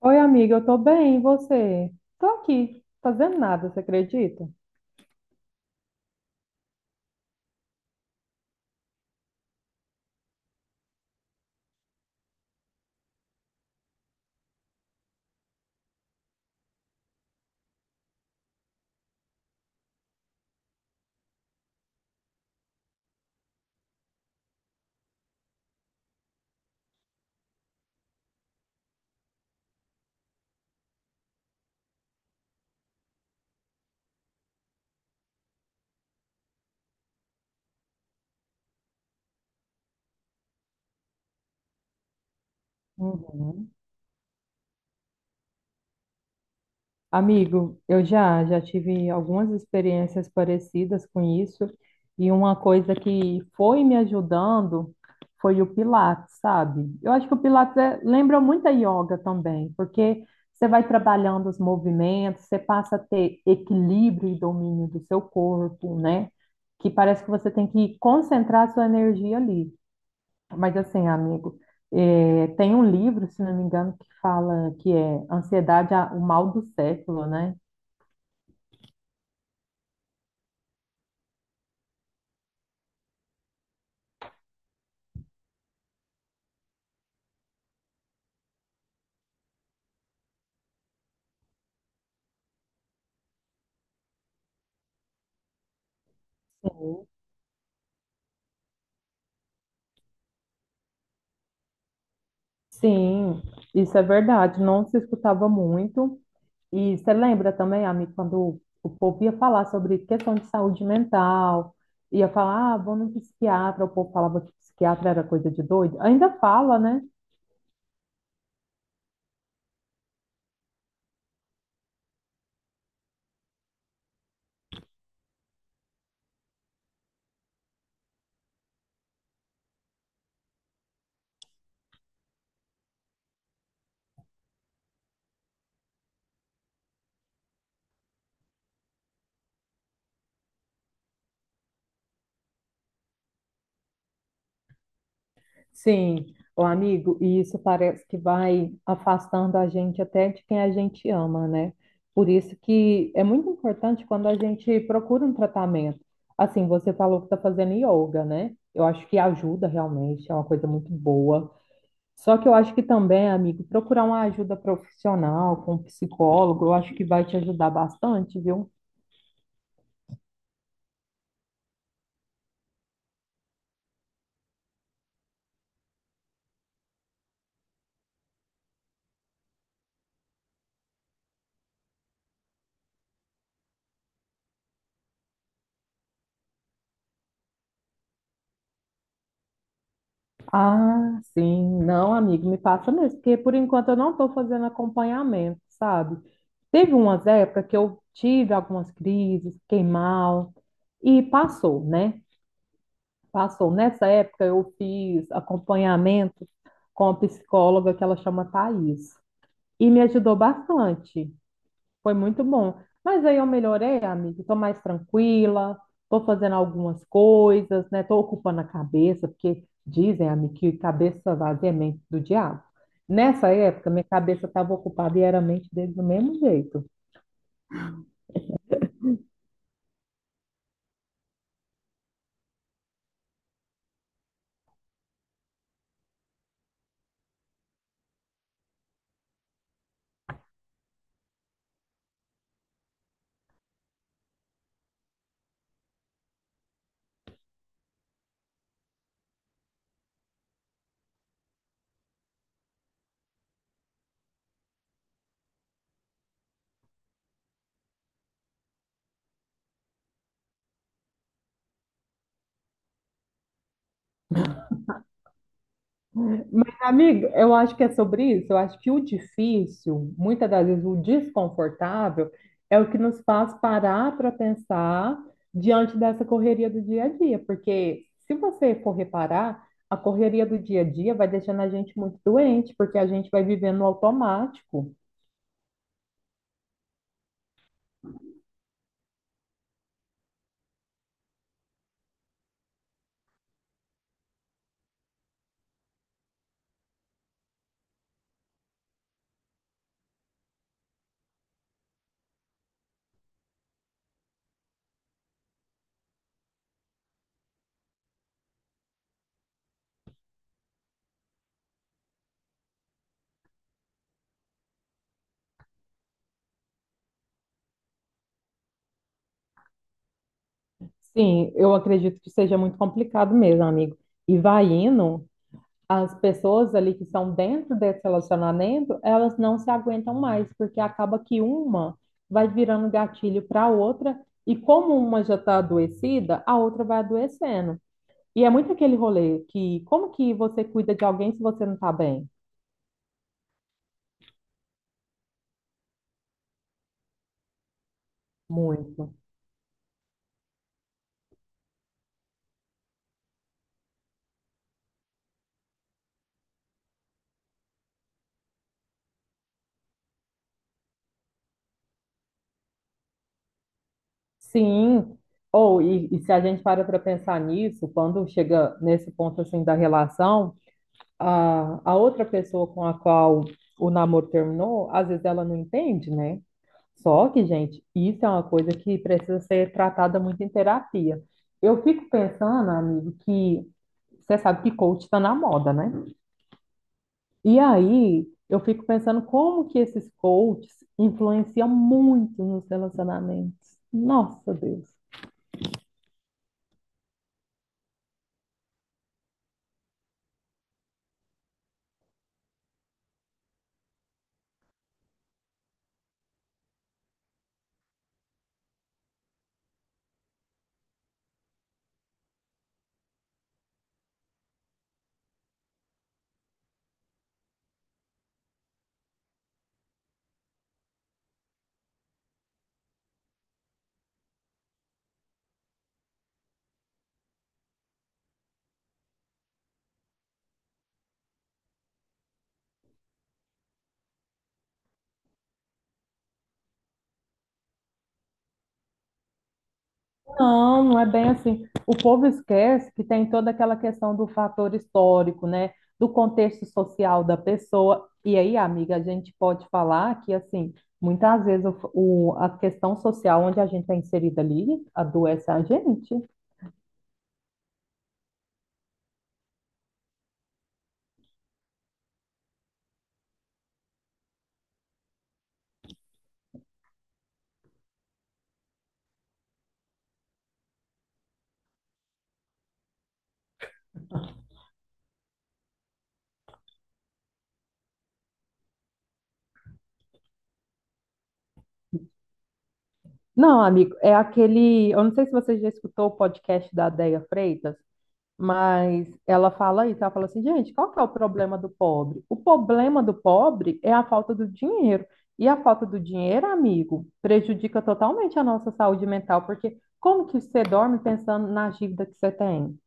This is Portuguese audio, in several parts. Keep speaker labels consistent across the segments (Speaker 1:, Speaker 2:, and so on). Speaker 1: Oi, amiga, eu tô bem, e você? Tô aqui, fazendo nada, você acredita? Uhum. Amigo, eu já tive algumas experiências parecidas com isso, e uma coisa que foi me ajudando foi o Pilates, sabe? Eu acho que o lembra muito a yoga também, porque você vai trabalhando os movimentos, você passa a ter equilíbrio e domínio do seu corpo, né? Que parece que você tem que concentrar a sua energia ali. Mas assim, amigo, tem um livro, se não me engano, que fala que é Ansiedade, o mal do século, né? Sim. Sim, isso é verdade. Não se escutava muito. E você lembra também, amigo, quando o povo ia falar sobre questão de saúde mental, ia falar, ah, vou no psiquiatra, o povo falava que psiquiatra era coisa de doido. Ainda fala, né? Sim, o amigo, e isso parece que vai afastando a gente até de quem a gente ama, né? Por isso que é muito importante quando a gente procura um tratamento. Assim, você falou que está fazendo yoga, né? Eu acho que ajuda realmente, é uma coisa muito boa. Só que eu acho que também, amigo, procurar uma ajuda profissional com um psicólogo, eu acho que vai te ajudar bastante, viu? Ah, sim. Não, amigo, me passa mesmo, porque por enquanto eu não estou fazendo acompanhamento, sabe? Teve umas épocas que eu tive algumas crises, fiquei mal, e passou, né? Passou. Nessa época eu fiz acompanhamento com a psicóloga que ela chama Thaís, e me ajudou bastante. Foi muito bom. Mas aí eu melhorei, amiga. Tô mais tranquila, tô fazendo algumas coisas, né? Tô ocupando a cabeça, porque dizem, amiga, que cabeça vazia é mente do diabo. Nessa época, minha cabeça estava ocupada e era mente dele do mesmo jeito. Mas, amigo, eu acho que é sobre isso. Eu acho que o difícil, muitas das vezes o desconfortável, é o que nos faz parar para pensar diante dessa correria do dia a dia. Porque se você for reparar, a correria do dia a dia vai deixando a gente muito doente, porque a gente vai vivendo no automático. Sim, eu acredito que seja muito complicado mesmo, amigo. E vai indo. As pessoas ali que estão dentro desse relacionamento, elas não se aguentam mais, porque acaba que uma vai virando gatilho para a outra, e como uma já está adoecida, a outra vai adoecendo. E é muito aquele rolê que como que você cuida de alguém se você não está bem? Muito. Sim. Ou e se a gente para pensar nisso, quando chega nesse ponto assim da relação, a outra pessoa com a qual o namoro terminou, às vezes ela não entende, né? Só que, gente, isso é uma coisa que precisa ser tratada muito em terapia. Eu fico pensando, amigo, que você sabe que coach está na moda, né? E aí eu fico pensando como que esses coaches influenciam muito nos relacionamentos. Nossa, Deus. Não, não é bem assim. O povo esquece que tem toda aquela questão do fator histórico, né? Do contexto social da pessoa. E aí, amiga, a gente pode falar que, assim, muitas vezes a questão social onde a gente é inserida ali adoece a gente. Não, amigo, é aquele. Eu não sei se você já escutou o podcast da Déia Freitas. Mas ela fala isso, ela fala assim, gente, qual que é o problema do pobre? O problema do pobre é a falta do dinheiro. E a falta do dinheiro, amigo, prejudica totalmente a nossa saúde mental, porque como que você dorme pensando na dívida que você tem?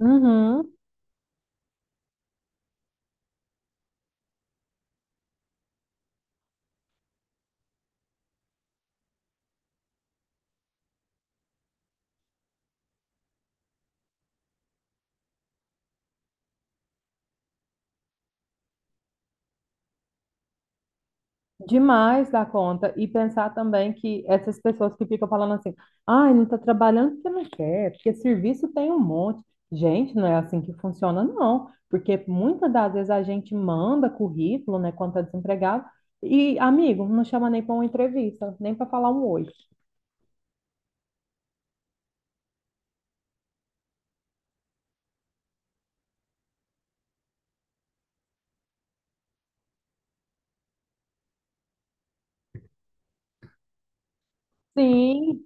Speaker 1: Uhum. Demais da conta. E pensar também que essas pessoas que ficam falando assim, ai, não está trabalhando porque não quer, porque serviço tem um monte. Gente, não é assim que funciona, não. Porque muitas das vezes a gente manda currículo, né, quando tá desempregado, e, amigo, não chama nem para uma entrevista, nem para falar um oi. Sim,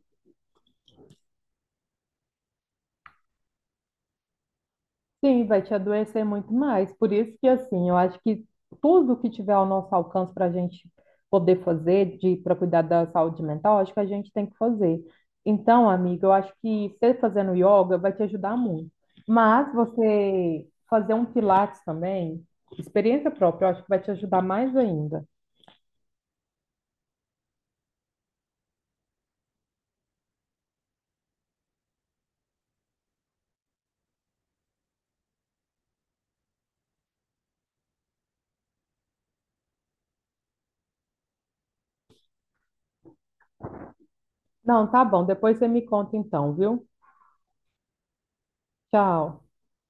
Speaker 1: sim, vai te adoecer muito mais. Por isso que, assim, eu acho que tudo que tiver ao nosso alcance para a gente poder fazer de para cuidar da saúde mental, acho que a gente tem que fazer. Então, amiga, eu acho que você fazendo yoga vai te ajudar muito. Mas você fazer um pilates também, experiência própria, eu acho que vai te ajudar mais ainda. Não, tá bom. Depois você me conta então, viu? Tchau.